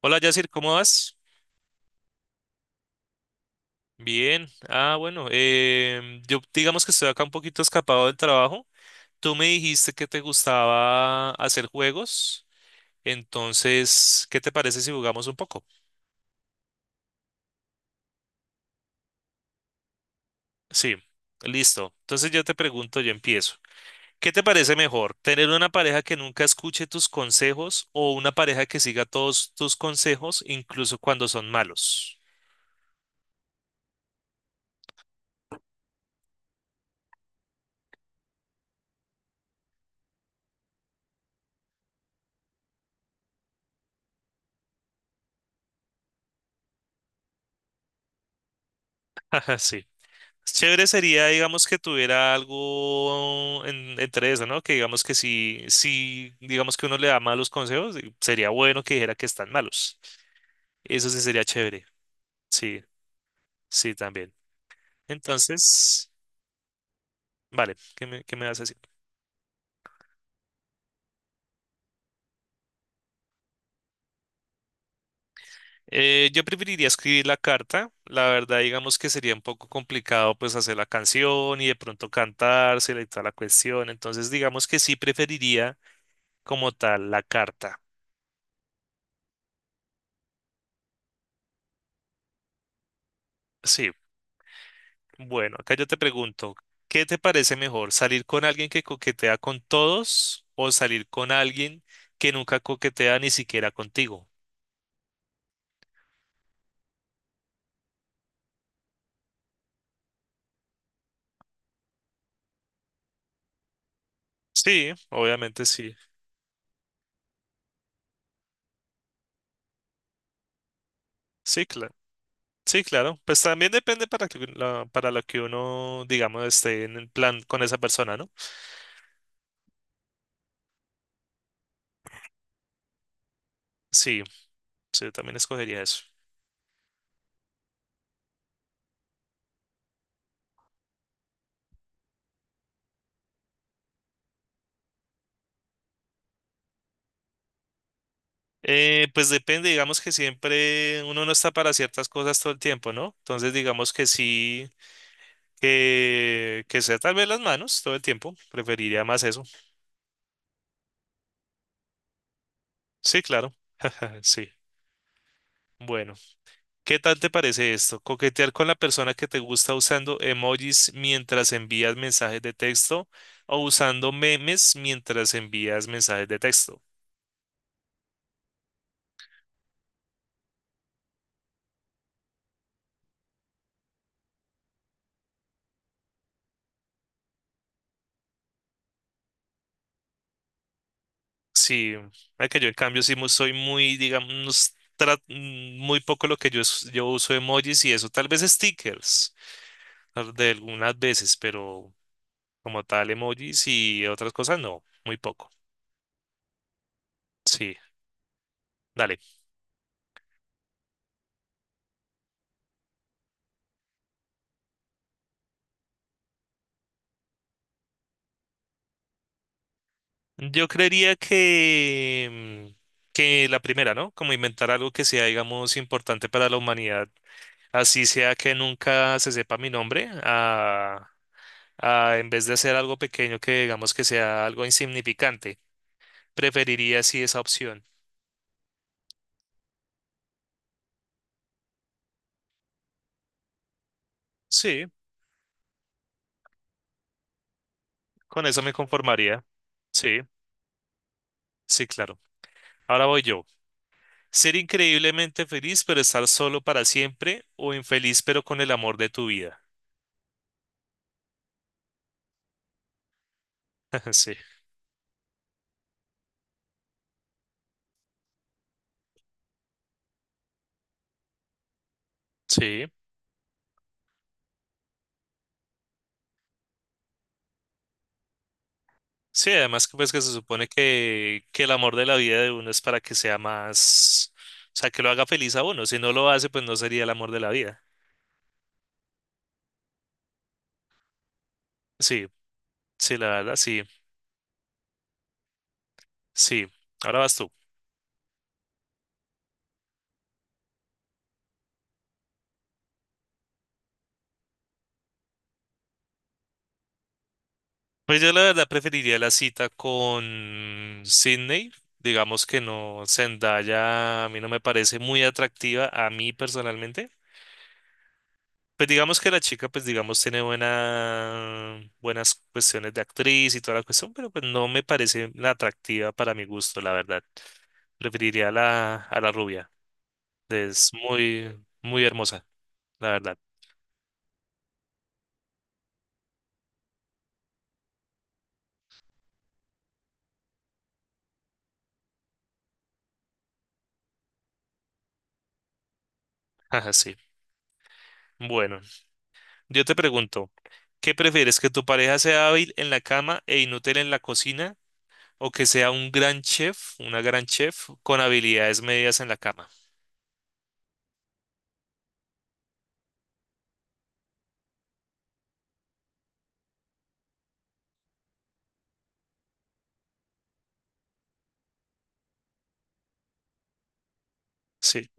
Hola, Yacir, ¿cómo vas? Bien. Ah, bueno, yo digamos que estoy acá un poquito escapado del trabajo. Tú me dijiste que te gustaba hacer juegos, entonces, ¿qué te parece si jugamos un poco? Sí, listo. Entonces yo te pregunto, yo empiezo. ¿Qué te parece mejor, tener una pareja que nunca escuche tus consejos o una pareja que siga todos tus consejos, incluso cuando son malos? Ajá, sí. Chévere sería, digamos, que tuviera algo entre eso, ¿no? Que digamos que si, si, digamos que uno le da malos consejos, y sería bueno que dijera que están malos. Eso sí sería chévere. Sí, sí, también. Entonces, vale, ¿ qué me vas a decir? Yo preferiría escribir la carta. La verdad, digamos que sería un poco complicado, pues, hacer la canción y de pronto cantársela y toda la cuestión. Entonces, digamos que sí preferiría como tal la carta. Sí. Bueno, acá yo te pregunto, ¿qué te parece mejor, salir con alguien que coquetea con todos o salir con alguien que nunca coquetea ni siquiera contigo? Sí, obviamente sí. Sí, claro. Sí, claro. Pues también depende para para lo que uno, digamos, esté en el plan con esa persona, ¿no? Sí, sí, yo también escogería eso. Pues depende, digamos que siempre uno no está para ciertas cosas todo el tiempo, ¿no? Entonces, digamos que sí, que sea tal vez las manos todo el tiempo, preferiría más eso. Sí, claro. Sí. Bueno, ¿qué tal te parece esto? Coquetear con la persona que te gusta usando emojis mientras envías mensajes de texto o usando memes mientras envías mensajes de texto. Sí, mira que yo en cambio soy muy, digamos, muy poco lo que yo uso emojis y eso, tal vez stickers de algunas veces, pero como tal emojis y otras cosas no, muy poco. Sí, dale. Yo creería mm, que la primera, ¿no? Como inventar algo que sea, digamos, importante para la humanidad. Así sea que nunca se sepa mi nombre, a en vez de hacer algo pequeño que digamos que sea algo insignificante. Preferiría sí esa opción. Sí, con eso me conformaría. Sí, sí, claro. Ahora voy yo. Ser increíblemente feliz pero estar solo para siempre o infeliz pero con el amor de tu vida. Sí, sí. Sí, además que pues que se supone que el amor de la vida de uno es para que sea más, o sea, que lo haga feliz a uno. Si no lo hace, pues no sería el amor de la vida. Sí, sí, la verdad, sí, sí. Ahora vas tú. Pues yo la verdad preferiría la cita con Sydney. Digamos que no, Zendaya a mí no me parece muy atractiva a mí personalmente. Pues digamos que la chica, pues digamos, tiene buena, buenas cuestiones de actriz y toda la cuestión, pero pues no me parece la atractiva para mi gusto, la verdad. Preferiría a a la rubia. Es muy, muy hermosa, la verdad. Ajá, sí. Bueno, yo te pregunto, ¿qué prefieres? ¿Que tu pareja sea hábil en la cama e inútil en la cocina? ¿O que sea un gran chef, una gran chef con habilidades medias en la cama? Sí.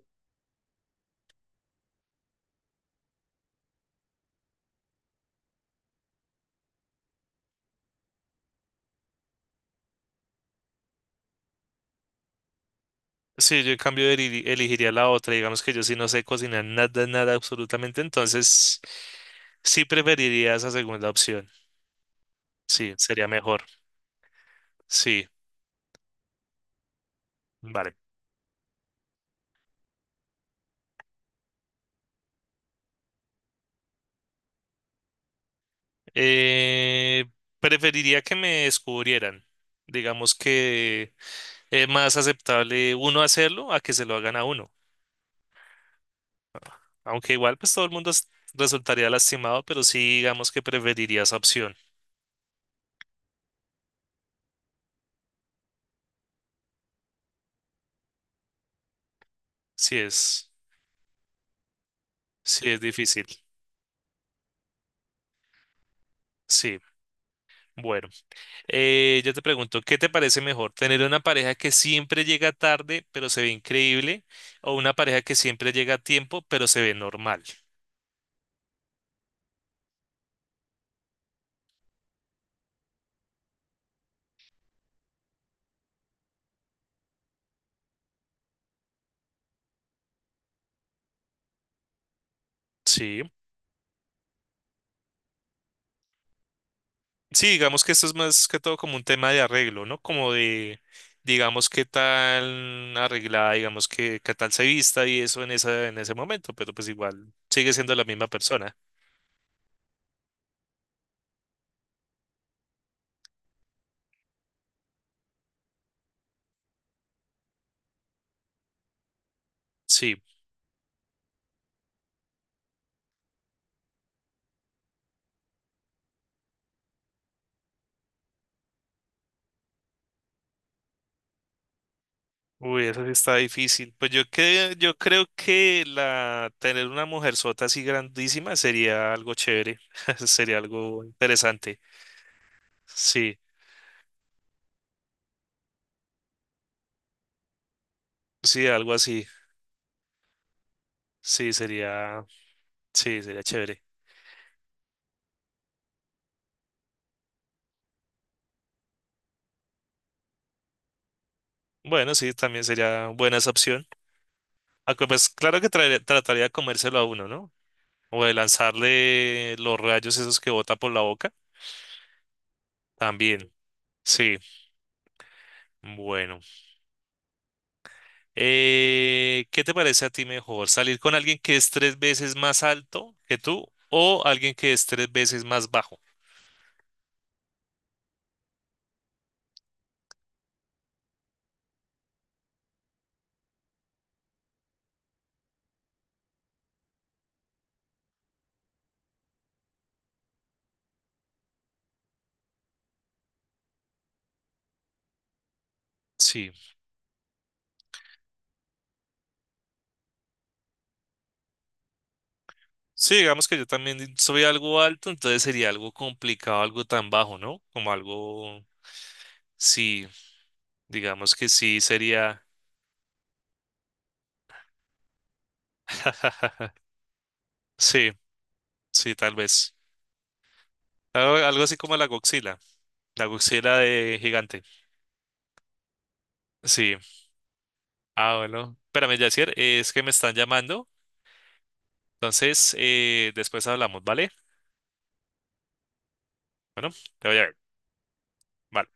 Sí, yo en cambio elegiría la otra. Digamos que yo sí no sé cocinar nada, nada, absolutamente. Entonces, sí preferiría esa segunda opción. Sí, sería mejor. Sí, vale. Eh, preferiría que me descubrieran. Digamos que es más aceptable uno hacerlo a que se lo hagan a uno. Aunque igual, pues todo el mundo resultaría lastimado, pero sí, digamos que preferiría esa opción. Sí es, sí es difícil. Sí, bueno. Yo te pregunto, ¿qué te parece mejor? ¿Tener una pareja que siempre llega tarde, pero se ve increíble? ¿O una pareja que siempre llega a tiempo, pero se ve normal? Sí. Sí, digamos que esto es más que todo como un tema de arreglo, ¿no? Como de, digamos, qué tan arreglada, digamos, qué tal se vista y eso en esa, en ese momento, pero pues igual sigue siendo la misma persona. Sí. Uy, eso sí está difícil. Pues yo creo que la tener una mujer sota así grandísima sería algo chévere, sería algo interesante. Sí, sí, algo así. Sí, sería, sí, sería chévere. Bueno, sí, también sería buena esa opción. Aunque pues claro que trataría de comérselo a uno, ¿no? O de lanzarle los rayos esos que bota por la boca. También. Sí, bueno. ¿Qué te parece a ti mejor? ¿Salir con alguien que es tres veces más alto que tú o alguien que es tres veces más bajo? Sí. Sí, digamos que yo también soy algo alto, entonces sería algo complicado, algo tan bajo, ¿no? Como algo, sí, digamos que sí sería, sí, sí, tal vez. Algo, algo así como la Godzilla de gigante. Sí. Ah, bueno. Espérame, Yacier, es que me están llamando, entonces después hablamos, ¿vale? Bueno, te voy a. Vale.